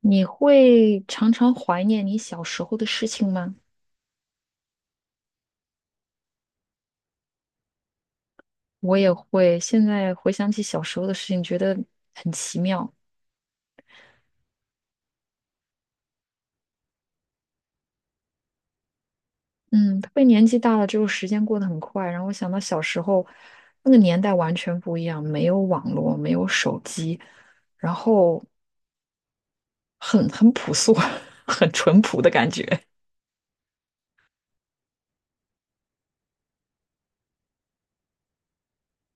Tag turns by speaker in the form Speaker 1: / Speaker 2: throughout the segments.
Speaker 1: 你会常常怀念你小时候的事情吗？我也会，现在回想起小时候的事情，觉得很奇妙。嗯，特别年纪大了之后，时间过得很快。然后我想到小时候那个年代完全不一样，没有网络，没有手机，然后很朴素，很淳朴的感觉。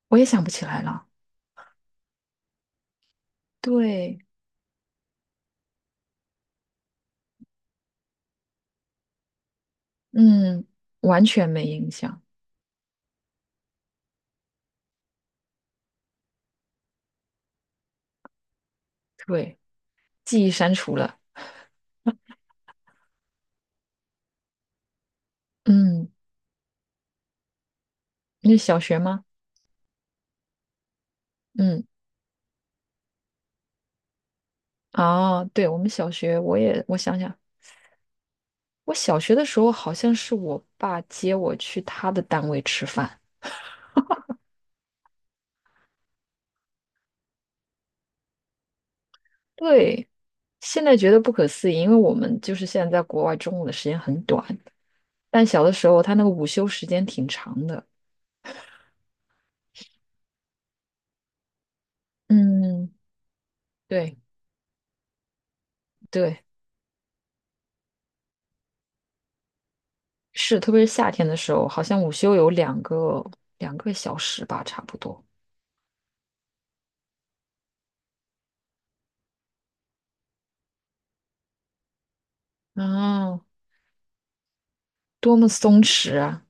Speaker 1: 我也想不起来了。对，嗯，完全没印象。对，记忆删除了。嗯，那是小学吗？嗯。啊，对，我们小学，我也，我想想，我小学的时候好像是我爸接我去他的单位吃饭。对，现在觉得不可思议，因为我们就是现在在国外，中午的时间很短，但小的时候他那个午休时间挺长的。嗯，对对，是，特别是夏天的时候，好像午休有两个小时吧，差不多。啊，多么松弛啊！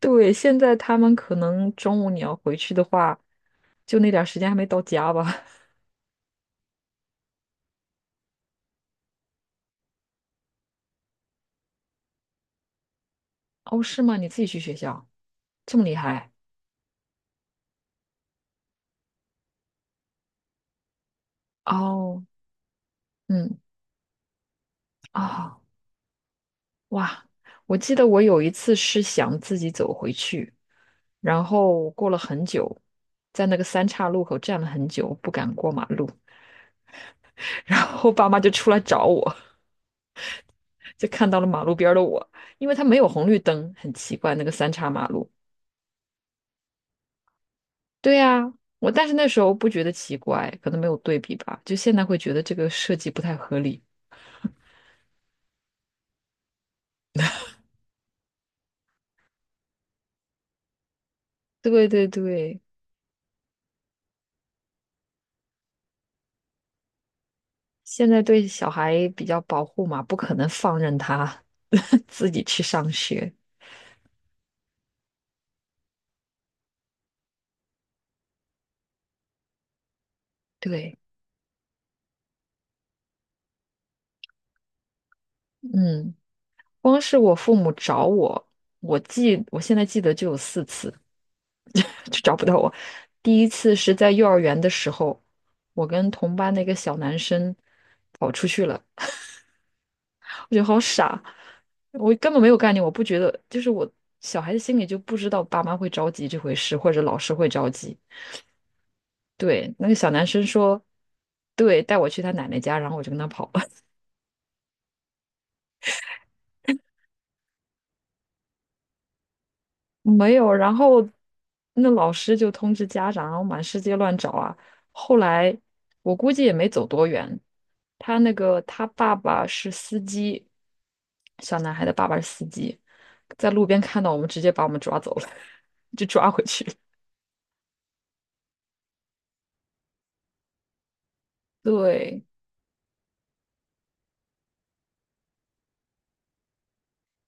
Speaker 1: 对，现在他们可能中午你要回去的话，就那点儿时间还没到家吧？哦，是吗？你自己去学校，这么厉害？哦，嗯，啊、哇！我记得我有一次是想自己走回去，然后过了很久，在那个三岔路口站了很久，不敢过马路，然后爸妈就出来找我，就看到了马路边儿的我，因为它没有红绿灯，很奇怪，那个三岔马路。对呀，我但是那时候不觉得奇怪，可能没有对比吧，就现在会觉得这个设计不太合理。对对对，现在对小孩比较保护嘛，不可能放任他 自己去上学。对，嗯，光是我父母找我，我记，我现在记得就有四次，就找不到我。第一次是在幼儿园的时候，我跟同班的一个小男生跑出去了。我觉得好傻，我根本没有概念，我不觉得，就是我小孩子心里就不知道爸妈会着急这回事，或者老师会着急。对，那个小男生说，对，带我去他奶奶家，然后我就跟他跑了，没有，然后那老师就通知家长，然后满世界乱找啊。后来我估计也没走多远，他那个他爸爸是司机，小男孩的爸爸是司机，在路边看到我们，直接把我们抓走了，就抓回去了。对，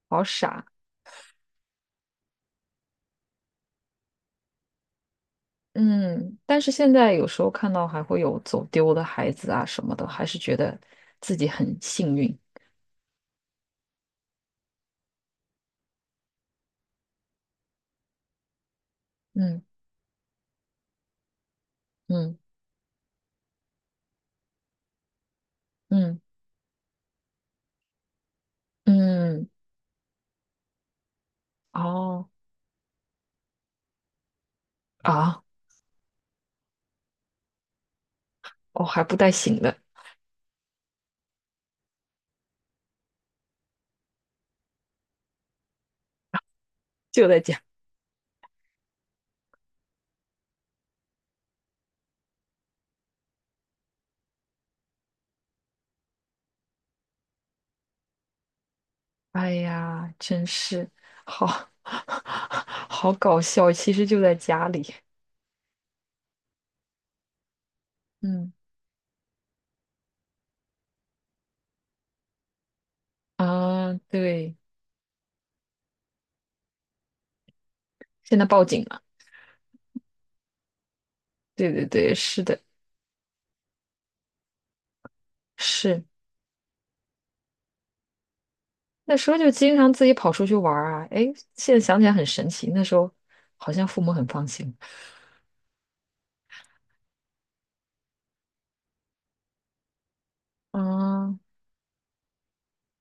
Speaker 1: 好傻。嗯，但是现在有时候看到还会有走丢的孩子啊什么的，还是觉得自己很幸运。嗯嗯嗯嗯，哦啊，哦还不带醒的，就在家，哎呀，真是好 好搞笑，其实就在家里。嗯啊，对，现在报警了。对对对，是的，是。那时候就经常自己跑出去玩儿啊，哎，现在想起来很神奇，那时候好像父母很放心。啊，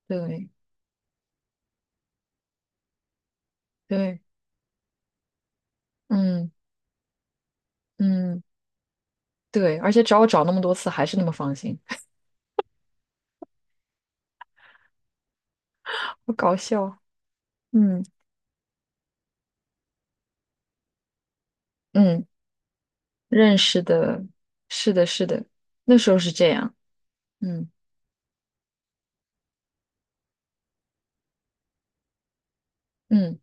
Speaker 1: 对对，嗯嗯，对，而且找我找那么多次还是那么放心，好搞笑啊。嗯嗯，认识的，是的，是的，那时候是这样。嗯嗯，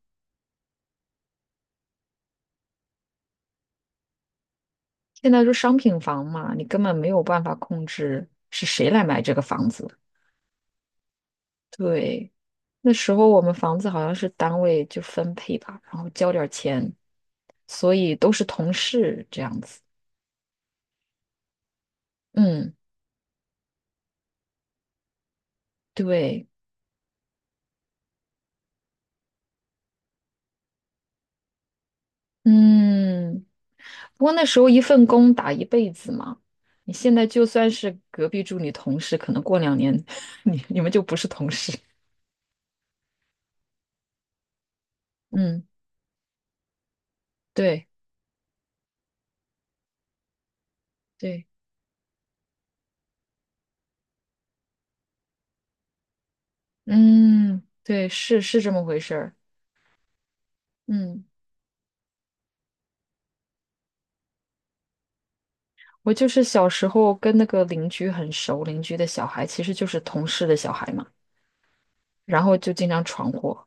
Speaker 1: 现在说商品房嘛，你根本没有办法控制是谁来买这个房子。对，那时候我们房子好像是单位就分配吧，然后交点儿钱。所以都是同事这样子。嗯，对，嗯，不过那时候一份工打一辈子嘛，你现在就算是隔壁住你同事，可能过两年 你们就不是同事。嗯，对对，嗯对，是是这么回事儿。嗯，我就是小时候跟那个邻居很熟，邻居的小孩其实就是同事的小孩嘛，然后就经常闯祸。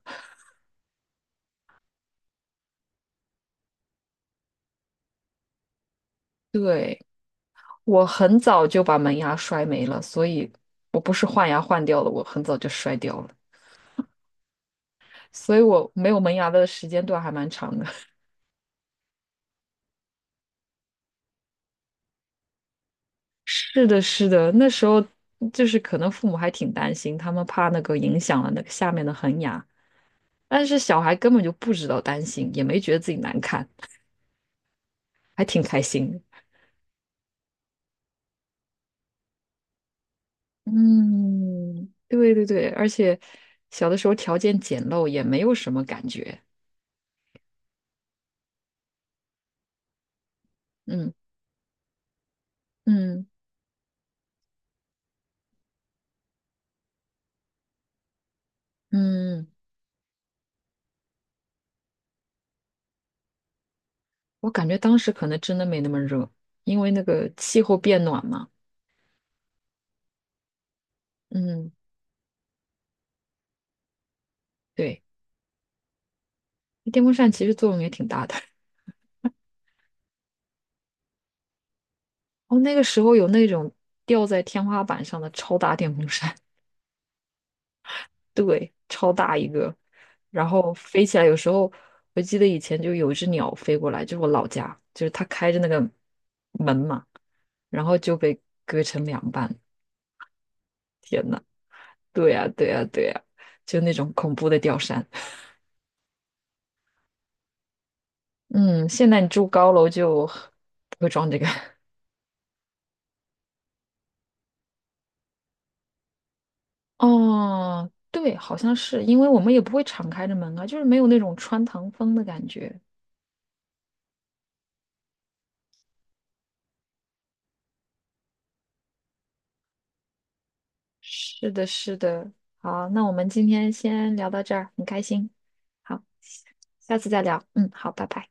Speaker 1: 对。我很早就把门牙摔没了，所以我不是换牙换掉了，我很早就摔掉了，所以我没有门牙的时间段还蛮长的。是的，是的，那时候就是可能父母还挺担心，他们怕那个影响了那个下面的恒牙，但是小孩根本就不知道担心，也没觉得自己难看，还挺开心的嗯，对对对，而且小的时候条件简陋，也没有什么感觉。嗯嗯嗯。我感觉当时可能真的没那么热，因为那个气候变暖嘛。嗯，对，电风扇其实作用也挺大的。哦，那个时候有那种吊在天花板上的超大电风扇，对，超大一个，然后飞起来。有时候我记得以前就有一只鸟飞过来，就是我老家，就是它开着那个门嘛，然后就被割成两半。对呀，对呀，对呀，就那种恐怖的吊扇。嗯，现在你住高楼就不会装这个。哦，对，好像是，因为我们也不会敞开着门啊，就是没有那种穿堂风的感觉。是的，是的。好，那我们今天先聊到这儿，很开心。好，下次再聊。嗯，好，拜拜。